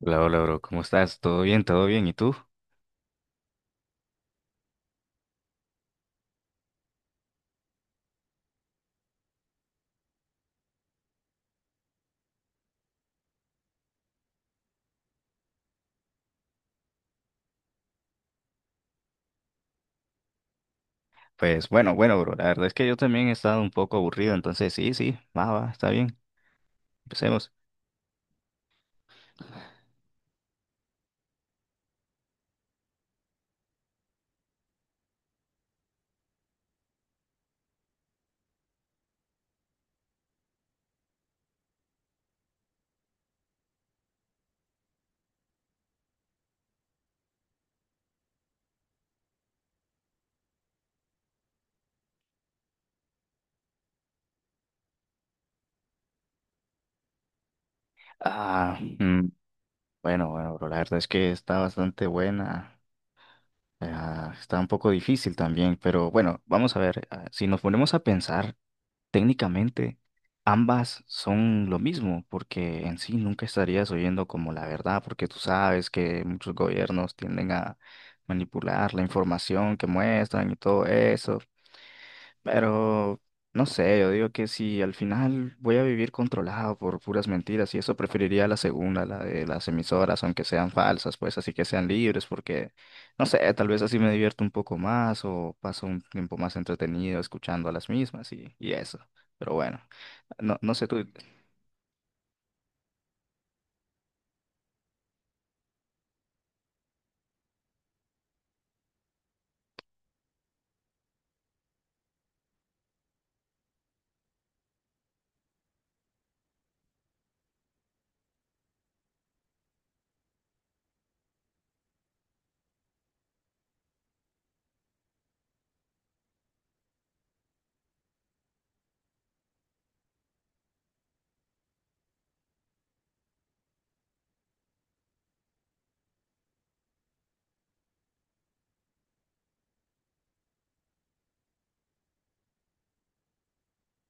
Hola, hola, bro. ¿Cómo estás? ¿Todo bien? ¿Todo bien? ¿Y tú? Pues bueno, bueno, bro. La verdad es que yo también he estado un poco aburrido, entonces sí, sí, va, va, está bien. Empecemos. Ah, mm, bueno, bueno, bro. La verdad es que está bastante buena. Está un poco difícil también, pero bueno, vamos a ver. Ah, si nos ponemos a pensar, técnicamente, ambas son lo mismo, porque en sí nunca estarías oyendo como la verdad, porque tú sabes que muchos gobiernos tienden a manipular la información que muestran y todo eso. Pero no sé, yo digo que si al final voy a vivir controlado por puras mentiras y eso, preferiría la segunda, la de las emisoras, aunque sean falsas, pues así que sean libres, porque no sé, tal vez así me divierto un poco más o paso un tiempo más entretenido escuchando a las mismas y eso. Pero bueno, no, no sé tú.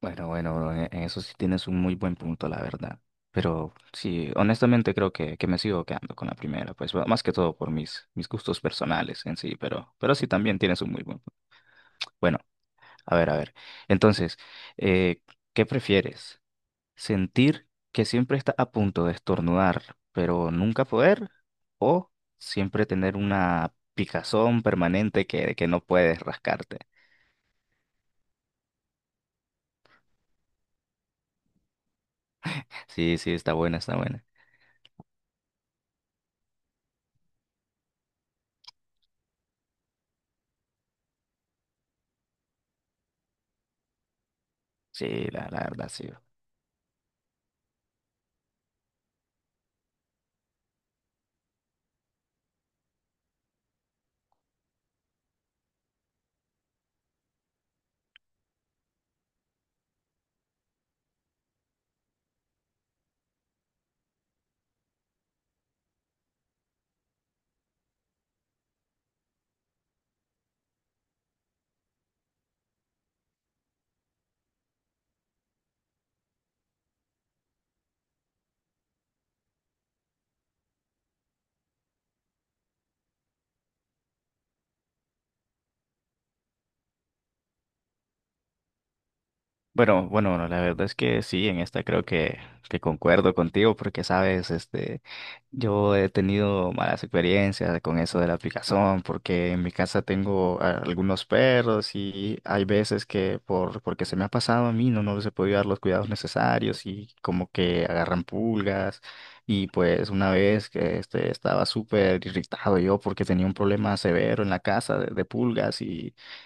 Bueno, bueno, bro, en eso sí tienes un muy buen punto, la verdad. Pero sí, honestamente creo que me sigo quedando con la primera, pues bueno, más que todo por mis, mis gustos personales en sí, pero sí también tienes un muy buen punto. Bueno, a ver, a ver. Entonces, eh, ¿qué prefieres? ¿Sentir que siempre está a punto de estornudar, pero nunca poder? ¿O siempre tener una picazón permanente que no puedes rascarte? Sí, sí, está buena, está buena. Sí, la verdad, sí. Bueno, bueno, la verdad es que sí, en esta creo que concuerdo contigo porque, sabes, este, yo he tenido malas experiencias con eso de la aplicación porque en mi casa tengo algunos perros y hay veces que por, porque se me ha pasado a mí no, no les he podido dar los cuidados necesarios y como que agarran pulgas, y pues una vez que este, estaba súper irritado yo porque tenía un problema severo en la casa de pulgas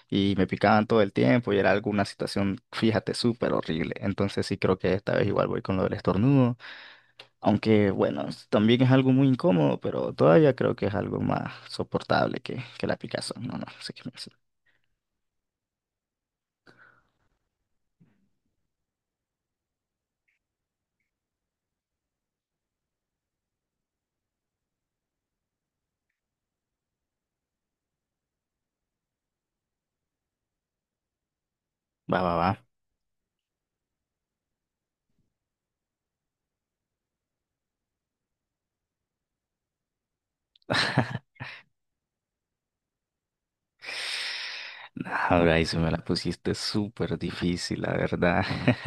y me picaban todo el tiempo y era alguna situación, fíjate, súper horrible. Entonces sí creo que esta vez igual voy con lo del estornudo, aunque bueno, también es algo muy incómodo, pero todavía creo que es algo más soportable que la picazón. No, no, sé qué me dice. Va, va, va. Ahora ahí se me la pusiste súper difícil, la verdad.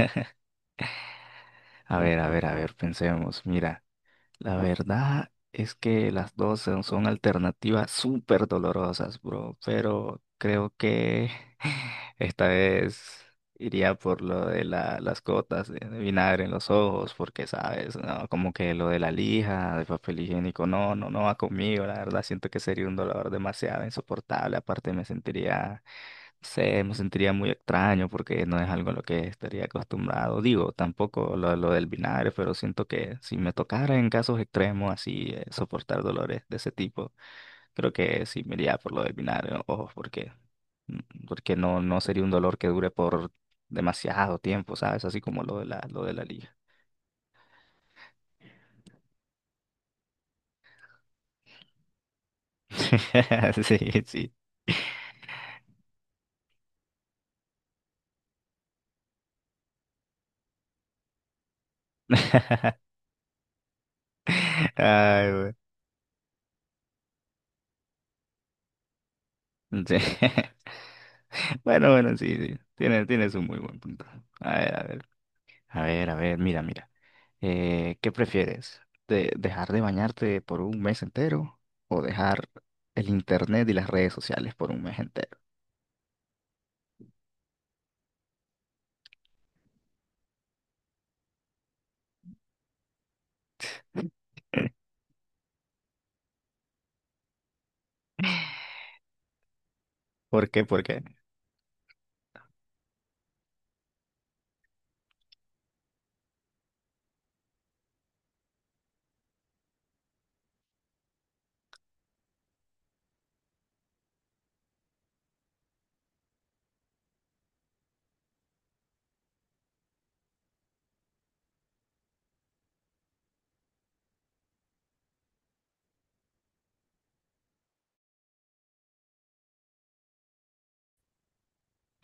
A ver, a ver, a ver, pensemos. Mira, la verdad es que las dos son, son alternativas súper dolorosas, bro, pero creo que esta vez iría por lo de las gotas de vinagre en los ojos, porque sabes, no, como que lo de la lija, de papel higiénico, no, no, no va conmigo, la verdad siento que sería un dolor demasiado insoportable, aparte me sentiría sé, me sentiría muy extraño porque no es algo a lo que estaría acostumbrado. Digo, tampoco lo, lo del vinagre, pero siento que si me tocara en casos extremos así soportar dolores de ese tipo, creo que sí me iría por lo del vinagre, ojo, porque, porque no, no sería un dolor que dure por demasiado tiempo, ¿sabes? Así como lo de la liga. Sí, sí. Ay, güey. Sí. Bueno, bueno, sí, sí. Tiene, tienes un muy buen punto. A ver, a ver. A ver, a ver, mira, mira. ¿Qué prefieres? ¿De dejar de bañarte por un mes entero, o dejar el internet y las redes sociales por un mes entero? ¿Por qué? ¿Por qué?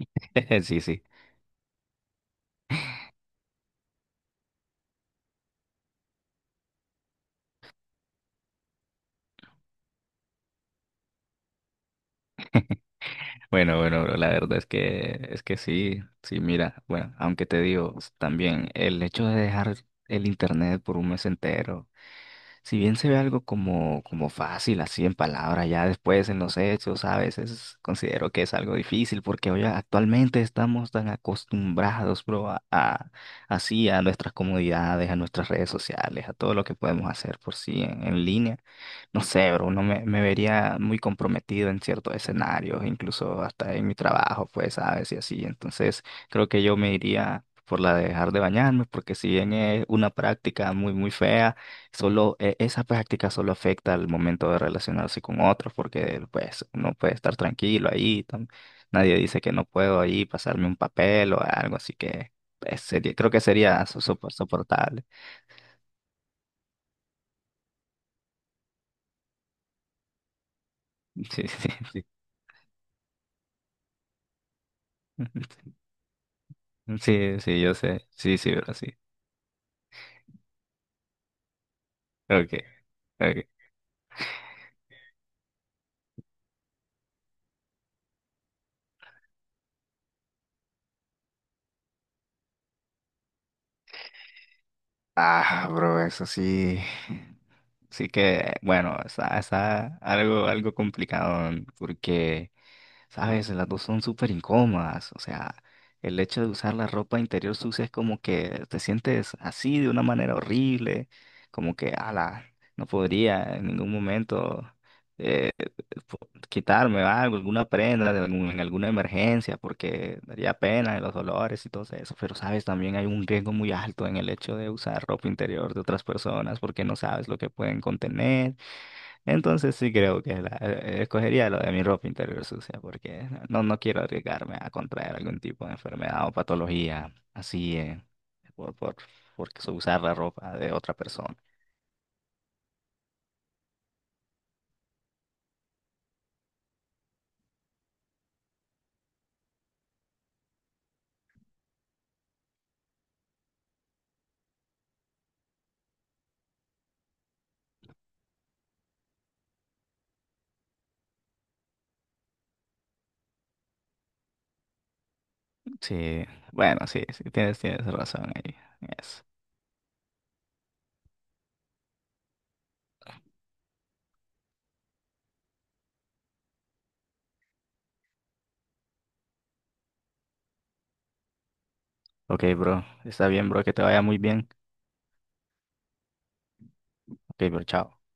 Sí, sí. Bueno, bueno, bro, la verdad es que sí, sí, mira, bueno, aunque te digo también el hecho de dejar el internet por un mes entero, si bien se ve algo como, como fácil, así en palabras, ya después en los hechos, a veces considero que es algo difícil porque hoy actualmente estamos tan acostumbrados, bro, así a nuestras comodidades, a nuestras redes sociales, a todo lo que podemos hacer por sí en línea. No sé, bro, uno me, me vería muy comprometido en ciertos escenarios, incluso hasta en mi trabajo, pues, sabes, y así. Entonces, creo que yo me iría por la de dejar de bañarme, porque si bien es una práctica muy, muy fea, solo esa práctica solo afecta al momento de relacionarse con otros, porque pues uno puede estar tranquilo ahí, nadie dice que no puedo ahí pasarme un papel o algo, así que pues, sería, creo que sería soportable. Sí, sí, sí. Sí, sí, yo sé. Sí, sí, pero sí. Ok, ok. Ah, bro, eso sí. Sí que, bueno, está, está algo, algo complicado porque... ¿Sabes? Las dos son súper incómodas. O sea, el hecho de usar la ropa interior sucia es como que te sientes así de una manera horrible, como que, ala, no podría en ningún momento eh, po- quitarme algo, alguna prenda de en alguna emergencia, porque daría pena de los dolores y todo eso. Pero, ¿sabes? También hay un riesgo muy alto en el hecho de usar ropa interior de otras personas, porque no sabes lo que pueden contener. Entonces sí creo que escogería lo de mi ropa interior sucia porque no, no quiero arriesgarme a contraer algún tipo de enfermedad o patología así por, por, por usar la ropa de otra persona. Sí, bueno, sí, sí, tienes, tienes razón ahí en eso. Ok, bro, está bien, bro, que te vaya muy bien. Ok, bro, chao.